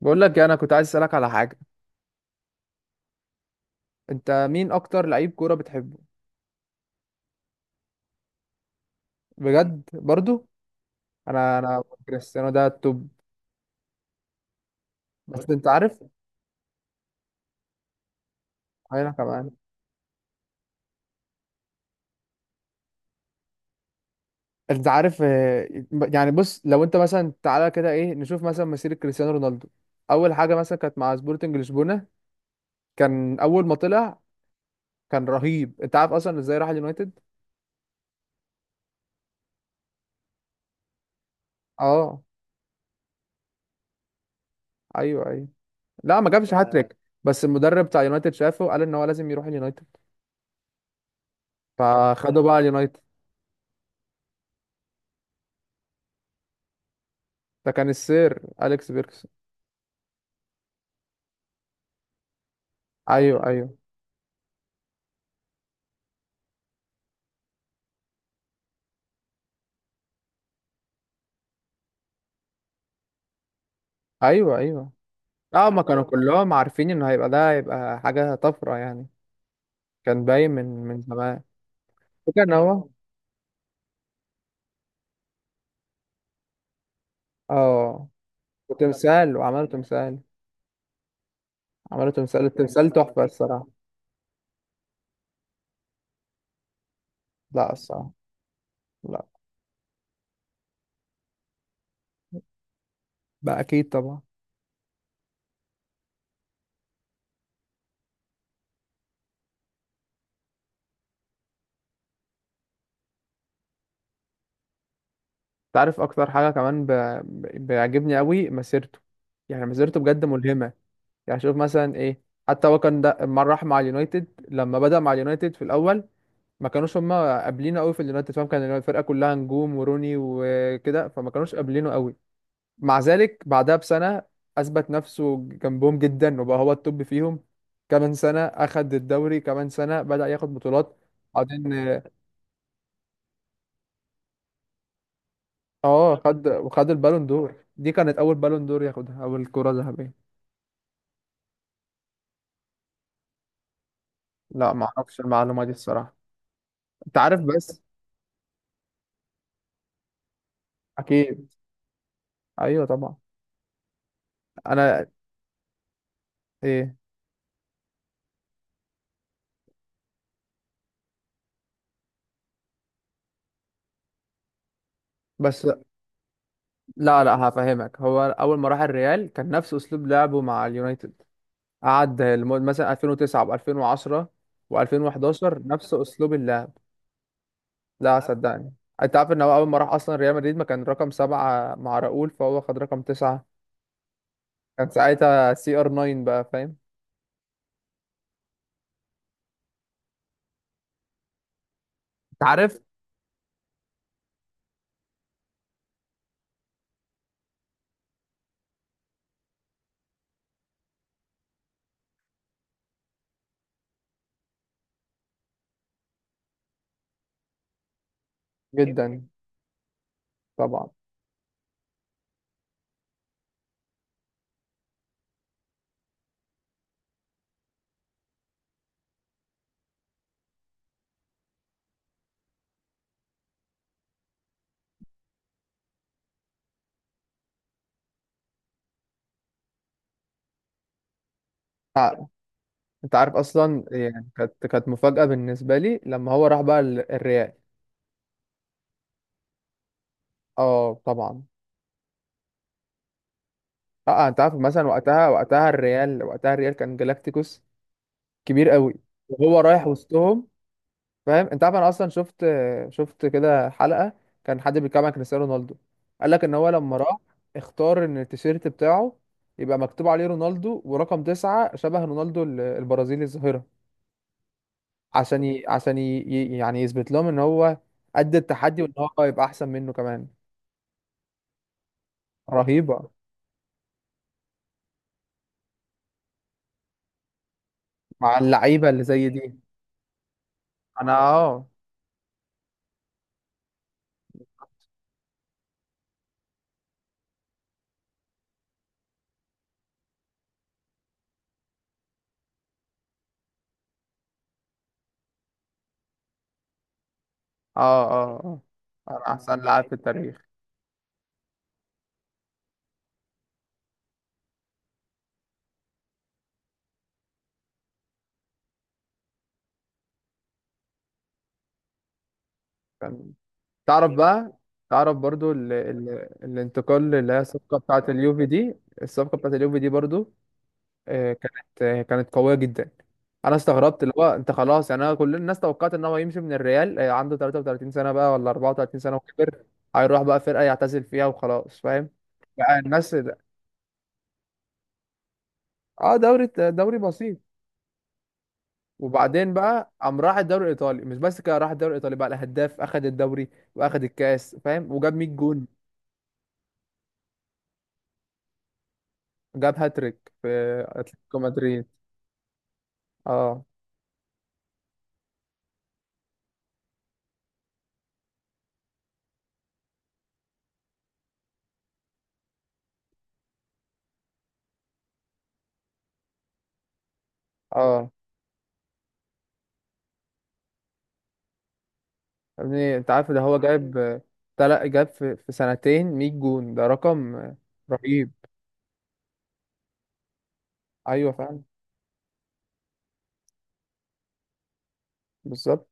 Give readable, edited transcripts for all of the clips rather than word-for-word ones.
بقول لك إيه، انا كنت عايز اسالك على حاجه. انت مين اكتر لعيب كوره بتحبه؟ بجد برضو. انا كريستيانو ده التوب. بس انت عارف. انا كمان. انت عارف. يعني بص، لو انت مثلا تعالى كده ايه نشوف مثلا مسيره كريستيانو رونالدو. اول حاجه مثلا كانت مع سبورتنج لشبونه. كان اول ما طلع. كان رهيب، انت عارف اصلا ازاي راح اليونايتد؟ اه، ايوه ايوه. لا، ما جابش هاتريك. بس المدرب بتاع اليونايتد شافه، قال ان هو لازم يروح اليونايتد. فخده بقى اليونايتد. ده كان السير اليكس بيركس. ايوه، ايوه، ايوه، ايوه. اه، ما كانوا كلهم عارفين انه هيبقى، ده هيبقى حاجة طفرة يعني. كان باين من زمان. وكان هو. اه وعملوا تمثال. عملوا تمثال، التمثال تحفة الصراحة. لا الصراحة. لا، بقى اكيد طبعا. تعرف اكتر حاجة كمان بيعجبني قوي مسيرته. يعني مسيرته بجد ملهمة. يعني شوف مثلا ايه. حتى هو كان ده، لما بدأ مع اليونايتد في الأول. ما كانوش هما قابلينه قوي في اليونايتد، فاهم؟ كان الفرقة كلها نجوم وروني وكده، فما كانوش قابلينه قوي. مع ذلك بعدها بسنة أثبت نفسه جنبهم جدا وبقى هو التوب فيهم. كمان سنة أخد الدوري، كمان سنة بدأ ياخد بطولات. بعدين. اه، خد البالون دور، دي كانت أول بالون دور ياخدها، أو الكرة الذهبية. لا، ما أعرفش المعلومة دي الصراحة. أنت عارف، بس. أكيد، أيوه طبعا. انا ايه بس. لا، لا، هفهمك، هو اول ما راح الريال كان نفس اسلوب لعبه مع اليونايتد. قعد مثلا 2009 و2010 و2011 نفس اسلوب اللعب. لا صدقني. انت عارف ان هو اول ما راح اصلا ريال مدريد ما كان رقم سبعة مع راؤول، فهو خد رقم تسعة. كان ساعتها سي ار 9 بقى، فاهم؟ انت عارف. جدا، طبعا. تع- انت عارف اصلا، يعني كانت مفاجأة بالنسبة لي لما هو راح بقى الريال. اه، طبعا. اه، انت عارف مثلا وقتها الريال كان جالاكتيكوس كبير قوي. وهو رايح وسطهم. فاهم؟ انت عارف انا اصلا شفت، شفت كده حلقة. كان حد بيتكلم عن كريستيانو رونالدو، قال لك ان هو لما راح اختار ان التيشيرت بتاعه يبقى مكتوب عليه رونالدو ورقم تسعة، شبه رونالدو البرازيلي الظاهرة. يعني يثبت لهم ان هو قد التحدي، وان هو يبقى احسن منه كمان. رهيبة. مع اللعيبة اللي زي دي. انا، اه، اه، اه، اه. أنا احسن لاعب في التاريخ. كان. تعرف بقى تعرف برضو الانتقال اللي هي الصفقة بتاعت اليوفي دي. الصفقة بتاعت اليوفي دي برضو، كانت قوية جدا. انا استغربت اللي هو انت خلاص، يعني انا كل الناس توقعت ان هو يمشي من الريال، عنده 33 سنة بقى ولا 34 سنة وكبر. هيروح بقى فرقة يعتزل فيها وخلاص، فاهم؟ بقى الناس ده. اه، دوري. دوري بسيط. وبعدين بقى قام راح الدوري الايطالي، مش بس كده راح الدوري الايطالي بقى الهداف، اخد الدوري واخد الكاس، فاهم؟ وجاب 100 جون. جاب هاتريك في اتلتيكو مدريد. اه، اه. يعني انت عارف، ده هو جايب تلات، جاب في سنتين 100 جون، ده رقم رهيب. ايوه فعلا. بالظبط.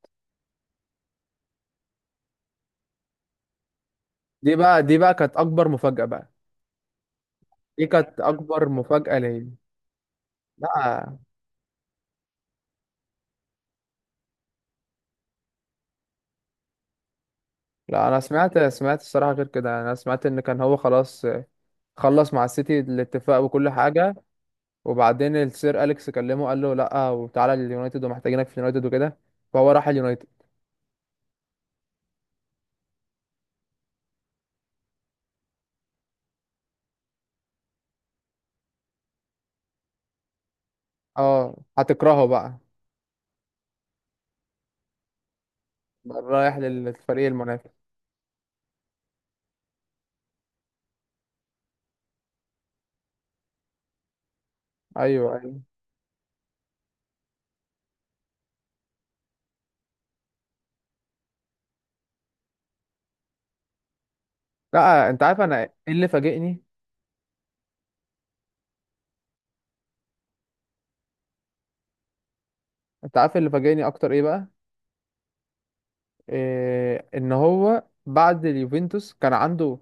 دي بقى كانت اكبر مفاجأة بقى. دي كانت اكبر مفاجأة ليا. لا، لا، انا سمعت الصراحة غير كده، انا سمعت ان كان هو خلاص، خلص مع السيتي الاتفاق وكل حاجة. وبعدين السير اليكس كلمه، قال له لا وتعالى اليونايتد ومحتاجينك في اليونايتد وكده. فهو راح اليونايتد. اه، هتكرهه بقى. بقى رايح للفريق المنافس. ايوه، ايوه. لا، انت عارف انا ايه اللي فاجئني. انت عارف اللي فاجئني اكتر ايه بقى؟ إيه، ان هو بعد اليوفنتوس كان عنده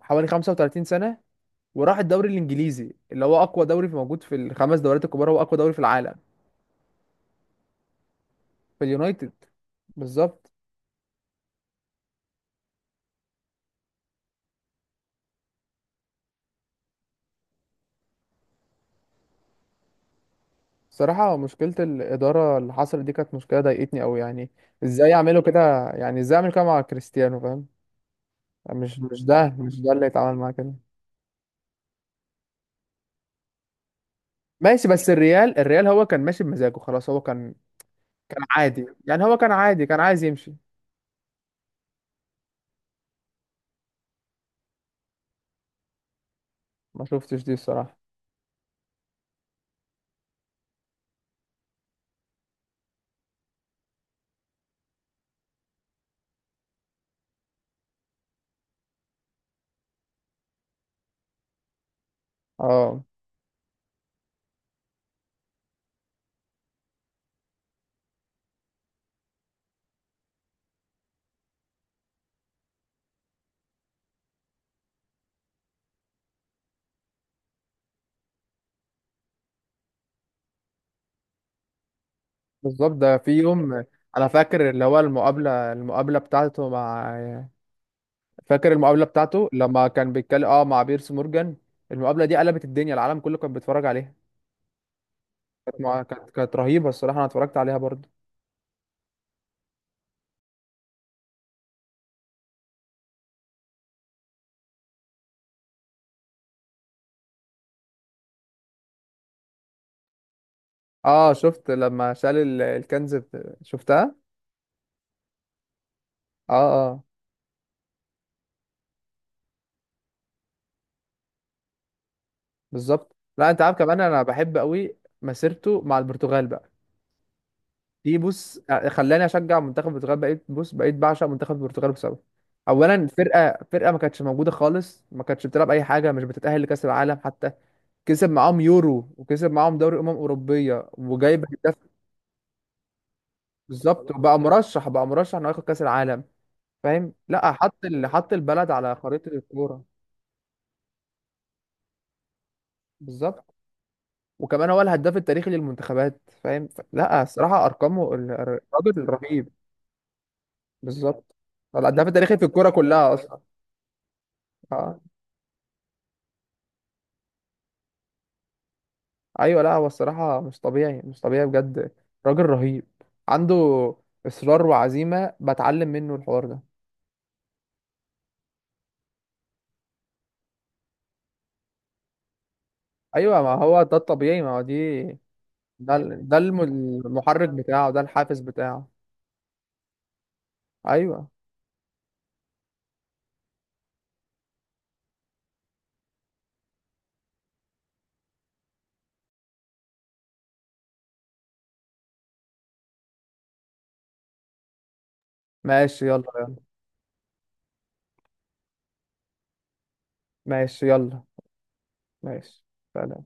حوالي 35 سنة، وراح الدوري الانجليزي، اللي هو اقوى دوري في موجود، في الخمس دوريات الكبار هو اقوى دوري في العالم. في اليونايتد. بالظبط. صراحة، مشكلة الإدارة اللي حصلت دي كانت مشكلة ضايقتني أوي يعني. إزاي يعملوا كده؟ يعني إزاي أعمل كده مع كريستيانو، فاهم؟ يعني مش مش ده اللي يتعامل معاه كده. ماشي، بس الريال هو كان ماشي بمزاجه خلاص، هو كان. كان عادي، يعني هو كان عادي، كان عايز يمشي. ما شفتش دي الصراحة. اه، بالظبط، ده في يوم. أنا فاكر، اللي هو المقابلة بتاعته مع. فاكر المقابلة بتاعته لما كان بيتكلم مع بيرس مورجان. المقابلة دي قلبت الدنيا، العالم كله كان بيتفرج عليها. ما كانت رهيبة الصراحة، أنا اتفرجت عليها برضو. اه، شفت لما شال الكنز شفتها. اه، اه. بالظبط، لا انت عارف كمان، انا بحب قوي مسيرته مع البرتغال بقى. دي بص، خلاني اشجع منتخب البرتغال، بقيت بعشق منتخب البرتغال بسببه. اولا، فرقة ما كانتش موجودة خالص، ما كانتش بتلعب اي حاجة، مش بتتأهل لكأس العالم حتى. كسب معاهم يورو، وكسب معاهم دوري اوروبيه، وجايب هداف. بالظبط، وبقى مرشح انه ياخد كأس العالم. فاهم؟ لا، حط البلد على خريطة الكورة. بالظبط، وكمان هو الهداف التاريخي للمنتخبات، فاهم؟ لا الصراحة، أرقامه الراجل رهيب. بالظبط. هو الهداف التاريخي في الكورة كلها أصلا. آه. أيوة، لا هو الصراحة، مش طبيعي مش طبيعي بجد. راجل رهيب. عنده إصرار وعزيمة، بتعلم منه الحوار ده. أيوة، ما هو ده الطبيعي، ما هو دي. ده المحرك بتاعه، ده الحافز بتاعه. أيوة. ماشي، يلا يلا. ماشي، يلا، ماشي. سلام.